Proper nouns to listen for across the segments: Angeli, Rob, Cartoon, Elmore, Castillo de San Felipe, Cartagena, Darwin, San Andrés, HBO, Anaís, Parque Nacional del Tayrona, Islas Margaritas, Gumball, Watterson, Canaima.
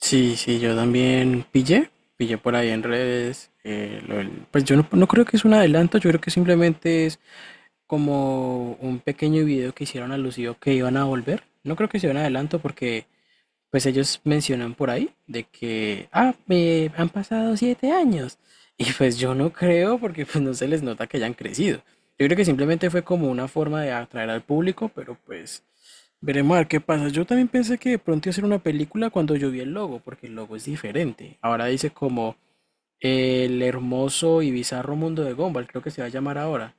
Sí, sí, yo también pillé, pillé por ahí en redes. Lo pues yo no, no creo que es un adelanto, yo creo que simplemente es como un pequeño video que hicieron alusivo que iban a volver. No creo que sea un adelanto porque pues ellos mencionan por ahí de que, me han pasado 7 años. Y pues yo no creo porque pues no se les nota que hayan crecido. Yo creo que simplemente fue como una forma de atraer al público, pero pues veremos a ver qué pasa. Yo también pensé que de pronto iba a ser una película cuando yo vi el logo, porque el logo es diferente. Ahora dice como el hermoso y bizarro mundo de Gumball, creo que se va a llamar ahora.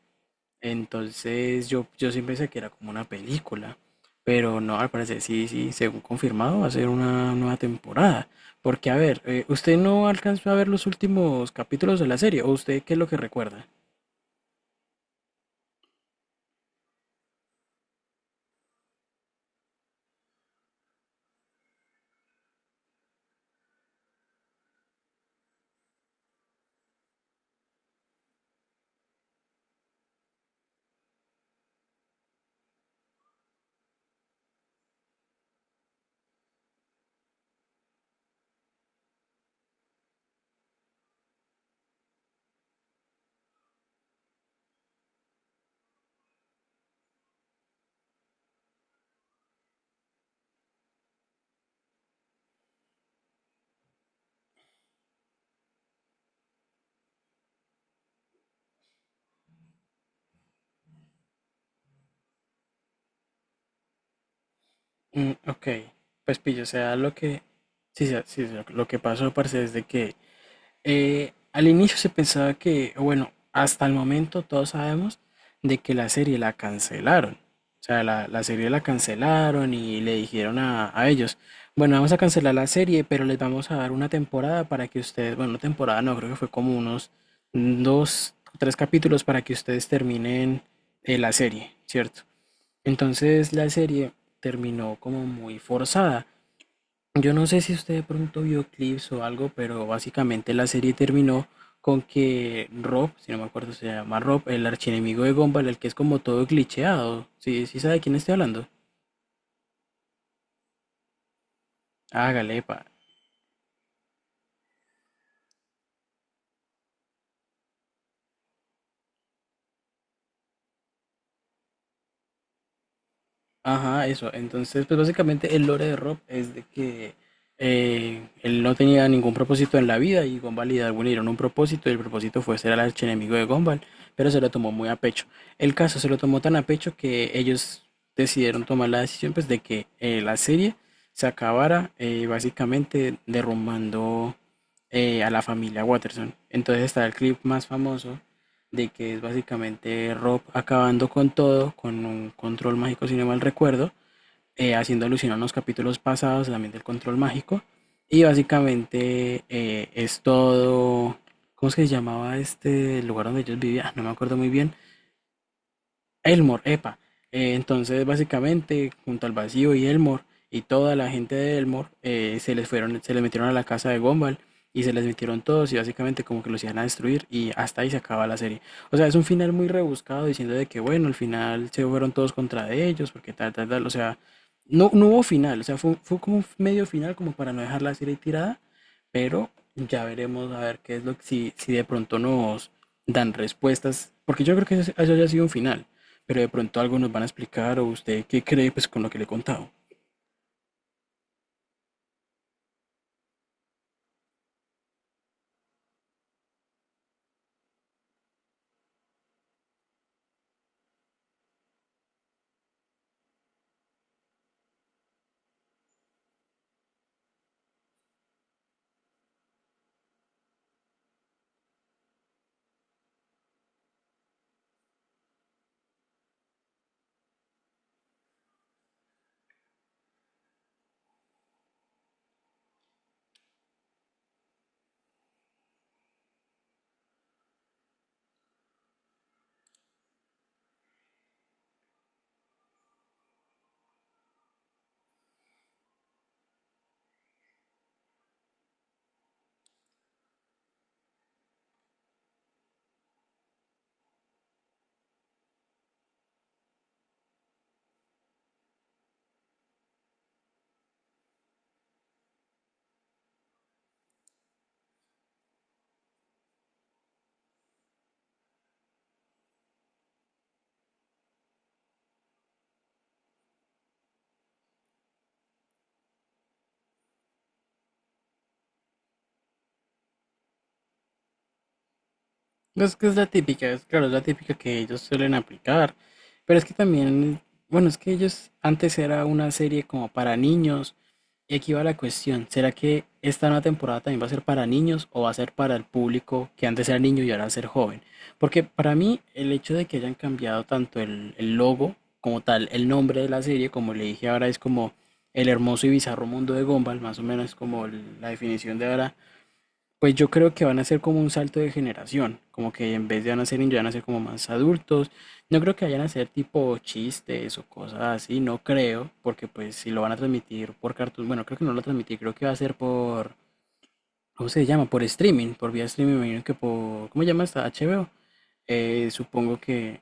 Entonces yo sí pensé que era como una película, pero no, al parecer sí, sí, según confirmado va a ser una nueva temporada. Porque a ver, ¿usted no alcanzó a ver los últimos capítulos de la serie? ¿O usted qué es lo que recuerda? Mm, ok, pues pillo, o sea, lo que... Sí, sí, sí, lo que pasó, parce, es de que al inicio se pensaba que, o bueno, hasta el momento todos sabemos de que la serie la cancelaron. O sea, la serie la cancelaron y le dijeron a ellos, bueno, vamos a cancelar la serie, pero les vamos a dar una temporada para que ustedes, bueno, no temporada no, creo que fue como unos dos, tres capítulos para que ustedes terminen la serie, ¿cierto? Entonces la serie terminó como muy forzada. Yo no sé si usted de pronto vio clips o algo, pero básicamente la serie terminó con que Rob, si no me acuerdo se llama Rob, el archienemigo de Gumball, el que es como todo glitcheado. Sí, sí sabe de quién estoy hablando. Hágale, pa. Ajá, eso. Entonces, pues básicamente el lore de Rob es de que él no tenía ningún propósito en la vida y Gumball y Darwin le dieron un propósito y el propósito fue ser el archienemigo de Gumball, pero se lo tomó muy a pecho. El caso se lo tomó tan a pecho que ellos decidieron tomar la decisión pues de que la serie se acabara básicamente derrumbando a la familia Watterson. Entonces está el clip más famoso de que es básicamente Rob acabando con todo, con un control mágico, si no mal recuerdo, haciendo alusión a unos capítulos pasados también del control mágico. Y básicamente es todo, ¿cómo es que se llamaba este lugar donde ellos vivían? No me acuerdo muy bien, Elmore, epa. Entonces, básicamente, junto al vacío y Elmore y toda la gente de Elmore se les fueron, se les metieron a la casa de Gumball y se les metieron todos y básicamente como que los iban a destruir y hasta ahí se acaba la serie. O sea, es un final muy rebuscado diciendo de que bueno, al final se fueron todos contra de ellos porque tal, tal, tal. O sea, no hubo final, o sea, fue como un medio final como para no dejar la serie tirada pero ya veremos a ver qué es lo que, si, si de pronto nos dan respuestas, porque yo creo que eso ya sido un final, pero de pronto algo nos van a explicar o usted qué cree pues con lo que le he contado. No, es que es la típica, es claro, es la típica que ellos suelen aplicar. Pero es que también, bueno, es que ellos antes era una serie como para niños. Y aquí va la cuestión, ¿será que esta nueva temporada también va a ser para niños o va a ser para el público que antes era niño y ahora va a ser joven? Porque para mí el hecho de que hayan cambiado tanto el logo como tal, el nombre de la serie, como le dije ahora, es como el hermoso y bizarro mundo de Gumball, más o menos como la definición de ahora pues yo creo que van a ser como un salto de generación, como que en vez de van a ser niños, van a ser como más adultos. No creo que vayan a ser tipo chistes o cosas así, no creo, porque pues si lo van a transmitir por Cartoon, bueno, creo que no lo transmití, creo que va a ser por, ¿cómo se llama? Por streaming, por vía streaming, me imagino que por, ¿cómo se llama esta? HBO. Eh, supongo que,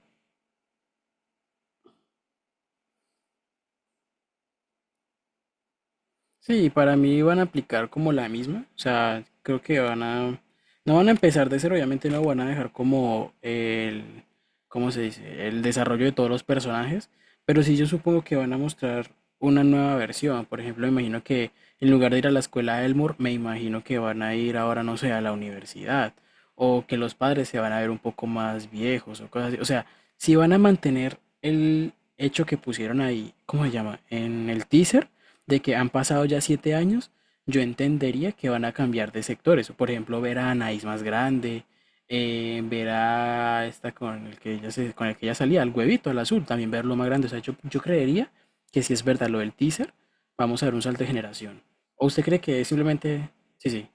Sí, para mí van a aplicar como la misma, o sea, creo que van a, no van a empezar de cero, obviamente no van a dejar como ¿cómo se dice? El desarrollo de todos los personajes, pero sí yo supongo que van a mostrar una nueva versión, por ejemplo, me imagino que en lugar de ir a la escuela de Elmore, me imagino que van a ir ahora, no sé, a la universidad, o que los padres se van a ver un poco más viejos o cosas así, o sea, si van a mantener el hecho que pusieron ahí, ¿cómo se llama? En el teaser de que han pasado ya 7 años, yo entendería que van a cambiar de sectores. Por ejemplo, ver a Anaís más grande, ver a esta con el que ella con el que ella salía, al huevito, al azul, también verlo más grande. O sea, yo creería que si es verdad lo del teaser, vamos a ver un salto de generación. ¿O usted cree que es simplemente... Sí, sí.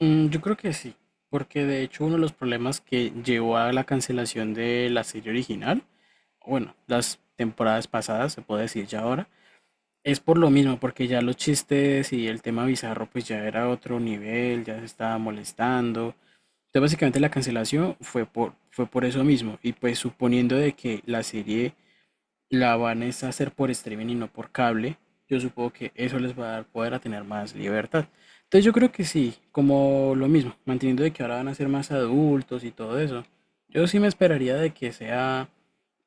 Mm, yo creo que sí, porque de hecho uno de los problemas que llevó a la cancelación de la serie original, o bueno, las temporadas pasadas, se puede decir ya ahora, es por lo mismo, porque ya los chistes y el tema bizarro pues ya era otro nivel, ya se estaba molestando. Entonces básicamente la cancelación fue por, fue por eso mismo. Y pues suponiendo de que la serie la van es a hacer por streaming y no por cable, yo supongo que eso les va a dar poder a tener más libertad. Entonces yo creo que sí, como lo mismo, manteniendo de que ahora van a ser más adultos y todo eso. Yo sí me esperaría de que sea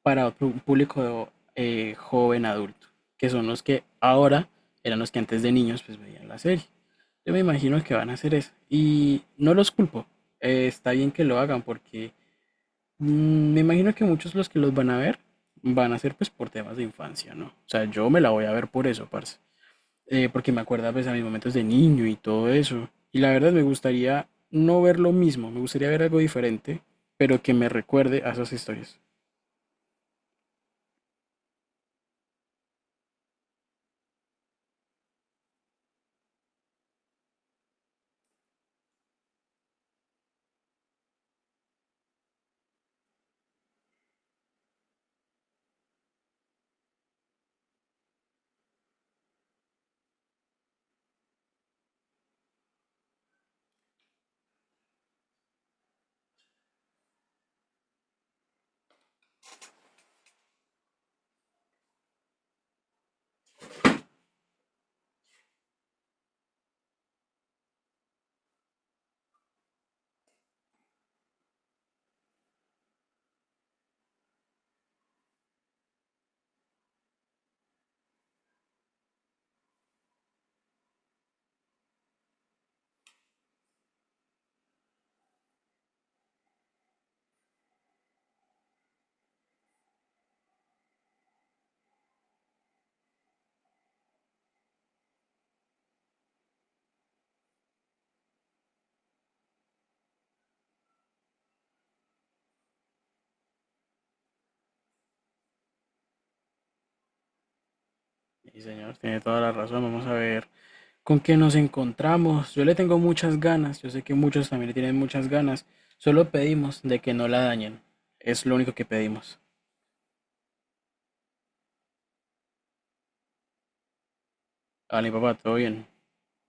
para otro público joven adulto, que son los que ahora eran los que antes de niños pues veían la serie. Yo me imagino que van a hacer eso y no los culpo. Está bien que lo hagan porque mm, me imagino que muchos de los que los van a ver van a ser pues por temas de infancia, ¿no? O sea, yo me la voy a ver por eso, parce. Porque me acuerda pues a mis momentos de niño y todo eso. Y la verdad me gustaría no ver lo mismo, me gustaría ver algo diferente, pero que me recuerde a esas historias. Sí, señor, tiene toda la razón. Vamos a ver con qué nos encontramos. Yo le tengo muchas ganas. Yo sé que muchos también le tienen muchas ganas. Solo pedimos de que no la dañen. Es lo único que pedimos. Vale, papá, todo bien.